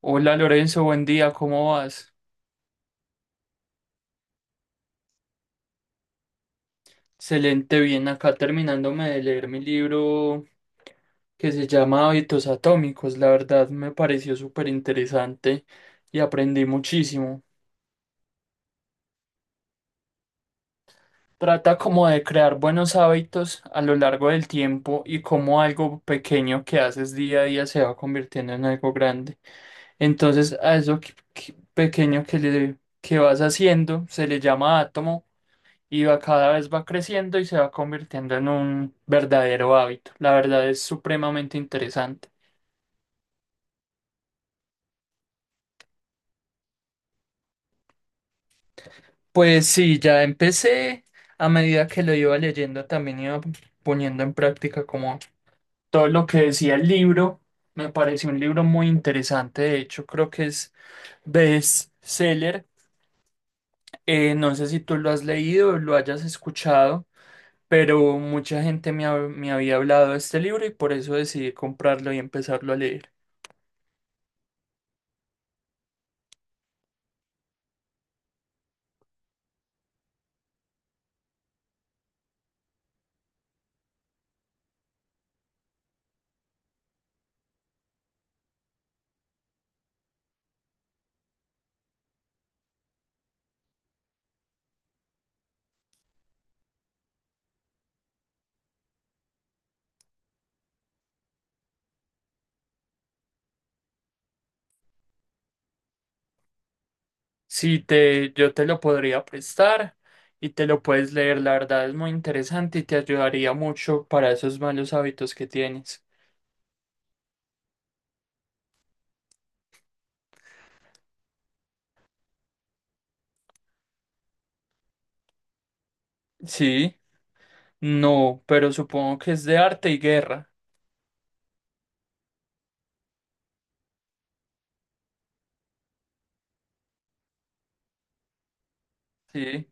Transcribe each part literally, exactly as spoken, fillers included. Hola Lorenzo, buen día, ¿cómo vas? Excelente, bien, acá terminándome de leer mi libro que se llama Hábitos Atómicos. La verdad me pareció súper interesante y aprendí muchísimo. Trata como de crear buenos hábitos a lo largo del tiempo y cómo algo pequeño que haces día a día se va convirtiendo en algo grande. Entonces, a eso que- que- pequeño que, le, que vas haciendo se le llama átomo y va, cada vez va creciendo y se va convirtiendo en un verdadero hábito. La verdad es supremamente interesante. Pues sí, ya empecé. A medida que lo iba leyendo, también iba poniendo en práctica como todo lo que decía el libro. Me pareció un libro muy interesante. De hecho, creo que es bestseller. Eh, no sé si tú lo has leído o lo hayas escuchado, pero mucha gente me, ha- me había hablado de este libro y por eso decidí comprarlo y empezarlo a leer. Sí, te, yo te lo podría prestar y te lo puedes leer. La verdad es muy interesante y te ayudaría mucho para esos malos hábitos que tienes. Sí, no, pero supongo que es de arte y guerra. Sí.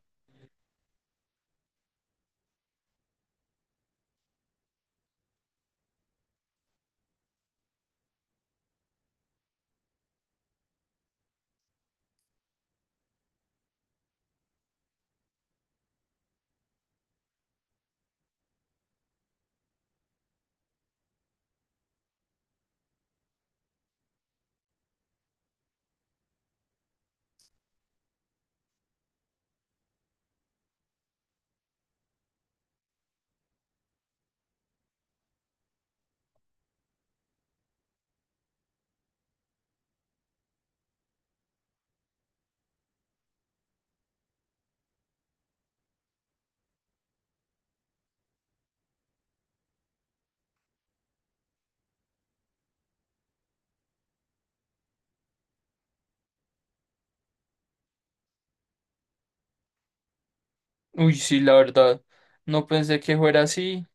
Uy, sí, la verdad. No pensé que fuera así.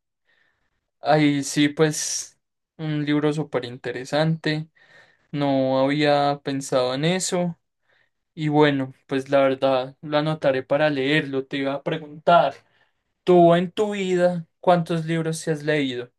Ahí sí, pues, un libro súper interesante. No había pensado en eso. Y bueno, pues la verdad lo anotaré para leerlo. Te iba a preguntar, ¿tú en tu vida cuántos libros te has leído?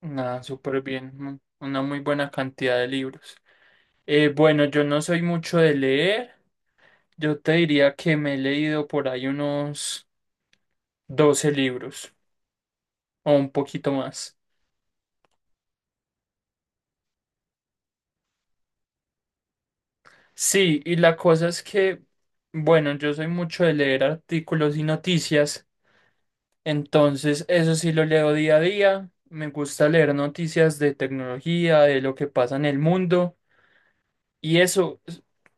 Nada, súper bien, mu- una muy buena cantidad de libros. Eh, bueno, yo no soy mucho de leer, yo te diría que me he leído por ahí unos doce libros o un poquito más. Sí, y la cosa es que, bueno, yo soy mucho de leer artículos y noticias. Entonces, eso sí lo leo día a día. Me gusta leer noticias de tecnología, de lo que pasa en el mundo. Y eso,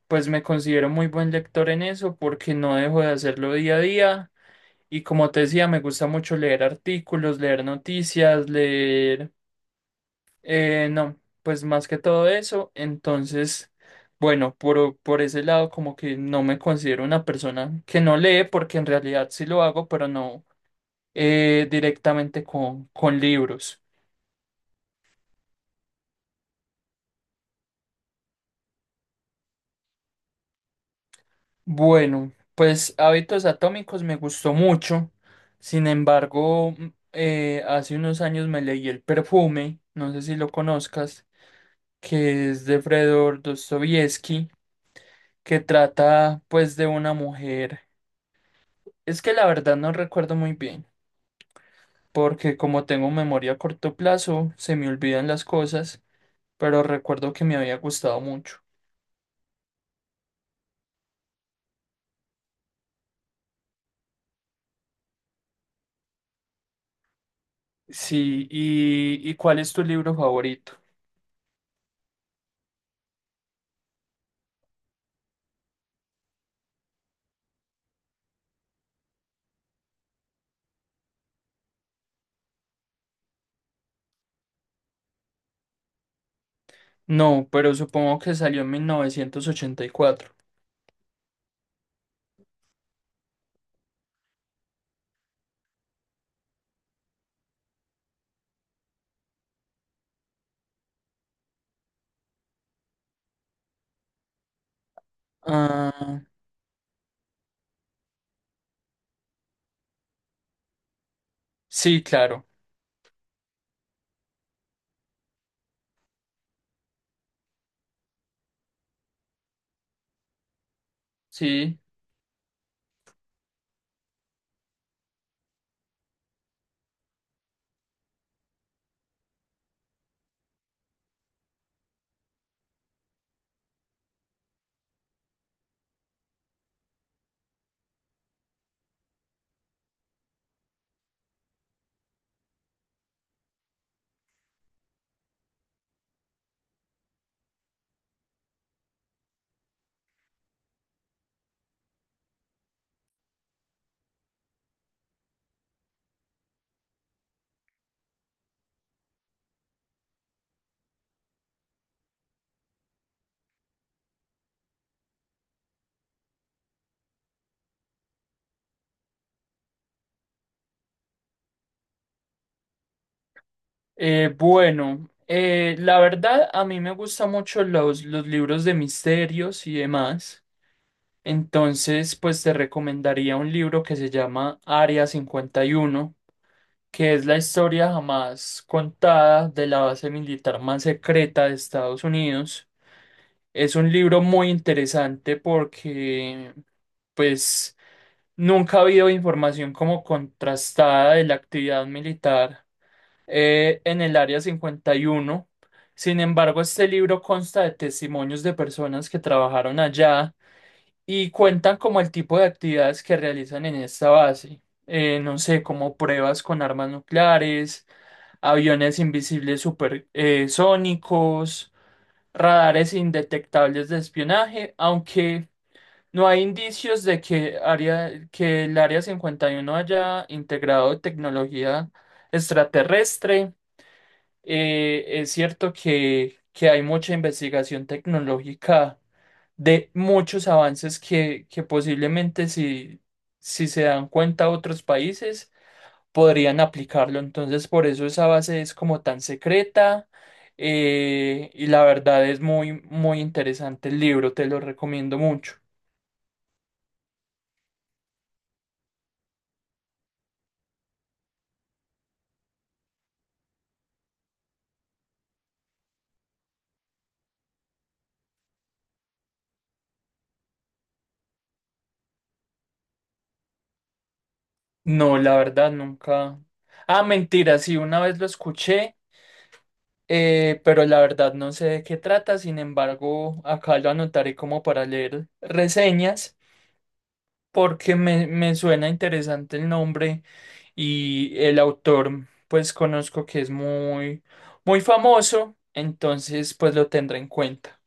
pues me considero muy buen lector en eso porque no dejo de hacerlo día a día. Y como te decía, me gusta mucho leer artículos, leer noticias, leer... eh, no, pues más que todo eso. Entonces, bueno, por, por ese lado como que no me considero una persona que no lee porque en realidad sí lo hago, pero no eh, directamente con, con libros. Bueno, pues Hábitos Atómicos me gustó mucho. Sin embargo, mm, eh, hace unos años me leí El Perfume, no sé si lo conozcas, que es de Fredor Dostoyevsky, que trata pues de una mujer. Es que la verdad no recuerdo muy bien, porque como tengo memoria a corto plazo, se me olvidan las cosas, pero recuerdo que me había gustado mucho. Sí, ¿y, y cuál es tu libro favorito? No, pero supongo que salió en mil novecientos ochenta y cuatro. Ah, sí, claro, sí. Eh, bueno, eh, la verdad a mí me gustan mucho los, los libros de misterios y demás. Entonces, pues te recomendaría un libro que se llama Área cincuenta y uno, que es la historia jamás contada de la base militar más secreta de Estados Unidos. Es un libro muy interesante porque, pues, nunca ha habido información como contrastada de la actividad militar eh, en el Área cincuenta y uno. Sin embargo, este libro consta de testimonios de personas que trabajaron allá y cuentan como el tipo de actividades que realizan en esta base. Eh, no sé, como pruebas con armas nucleares, aviones invisibles supersónicos, radares indetectables de espionaje, aunque no hay indicios de que, área, que el Área cincuenta y uno haya integrado tecnología extraterrestre. Eh, es cierto que, que hay mucha investigación tecnológica de muchos avances que, que posiblemente si, si se dan cuenta otros países podrían aplicarlo. Entonces, por eso esa base es como tan secreta, eh, y la verdad es muy, muy interesante el libro, te lo recomiendo mucho. No, la verdad nunca. Ah, mentira, sí, una vez lo escuché, eh, pero la verdad no sé de qué trata. Sin embargo, acá lo anotaré como para leer reseñas porque me, me suena interesante el nombre. Y el autor pues conozco que es muy muy famoso, entonces pues lo tendré en cuenta.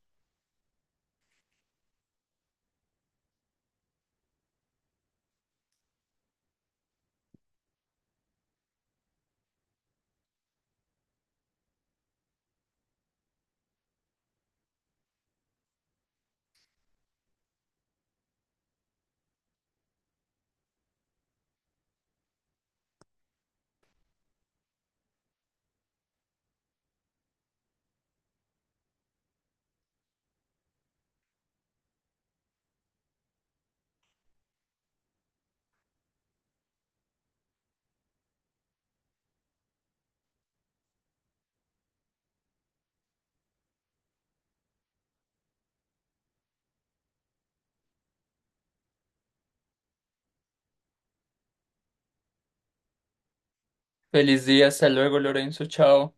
Feliz día, hasta luego Lorenzo, chao.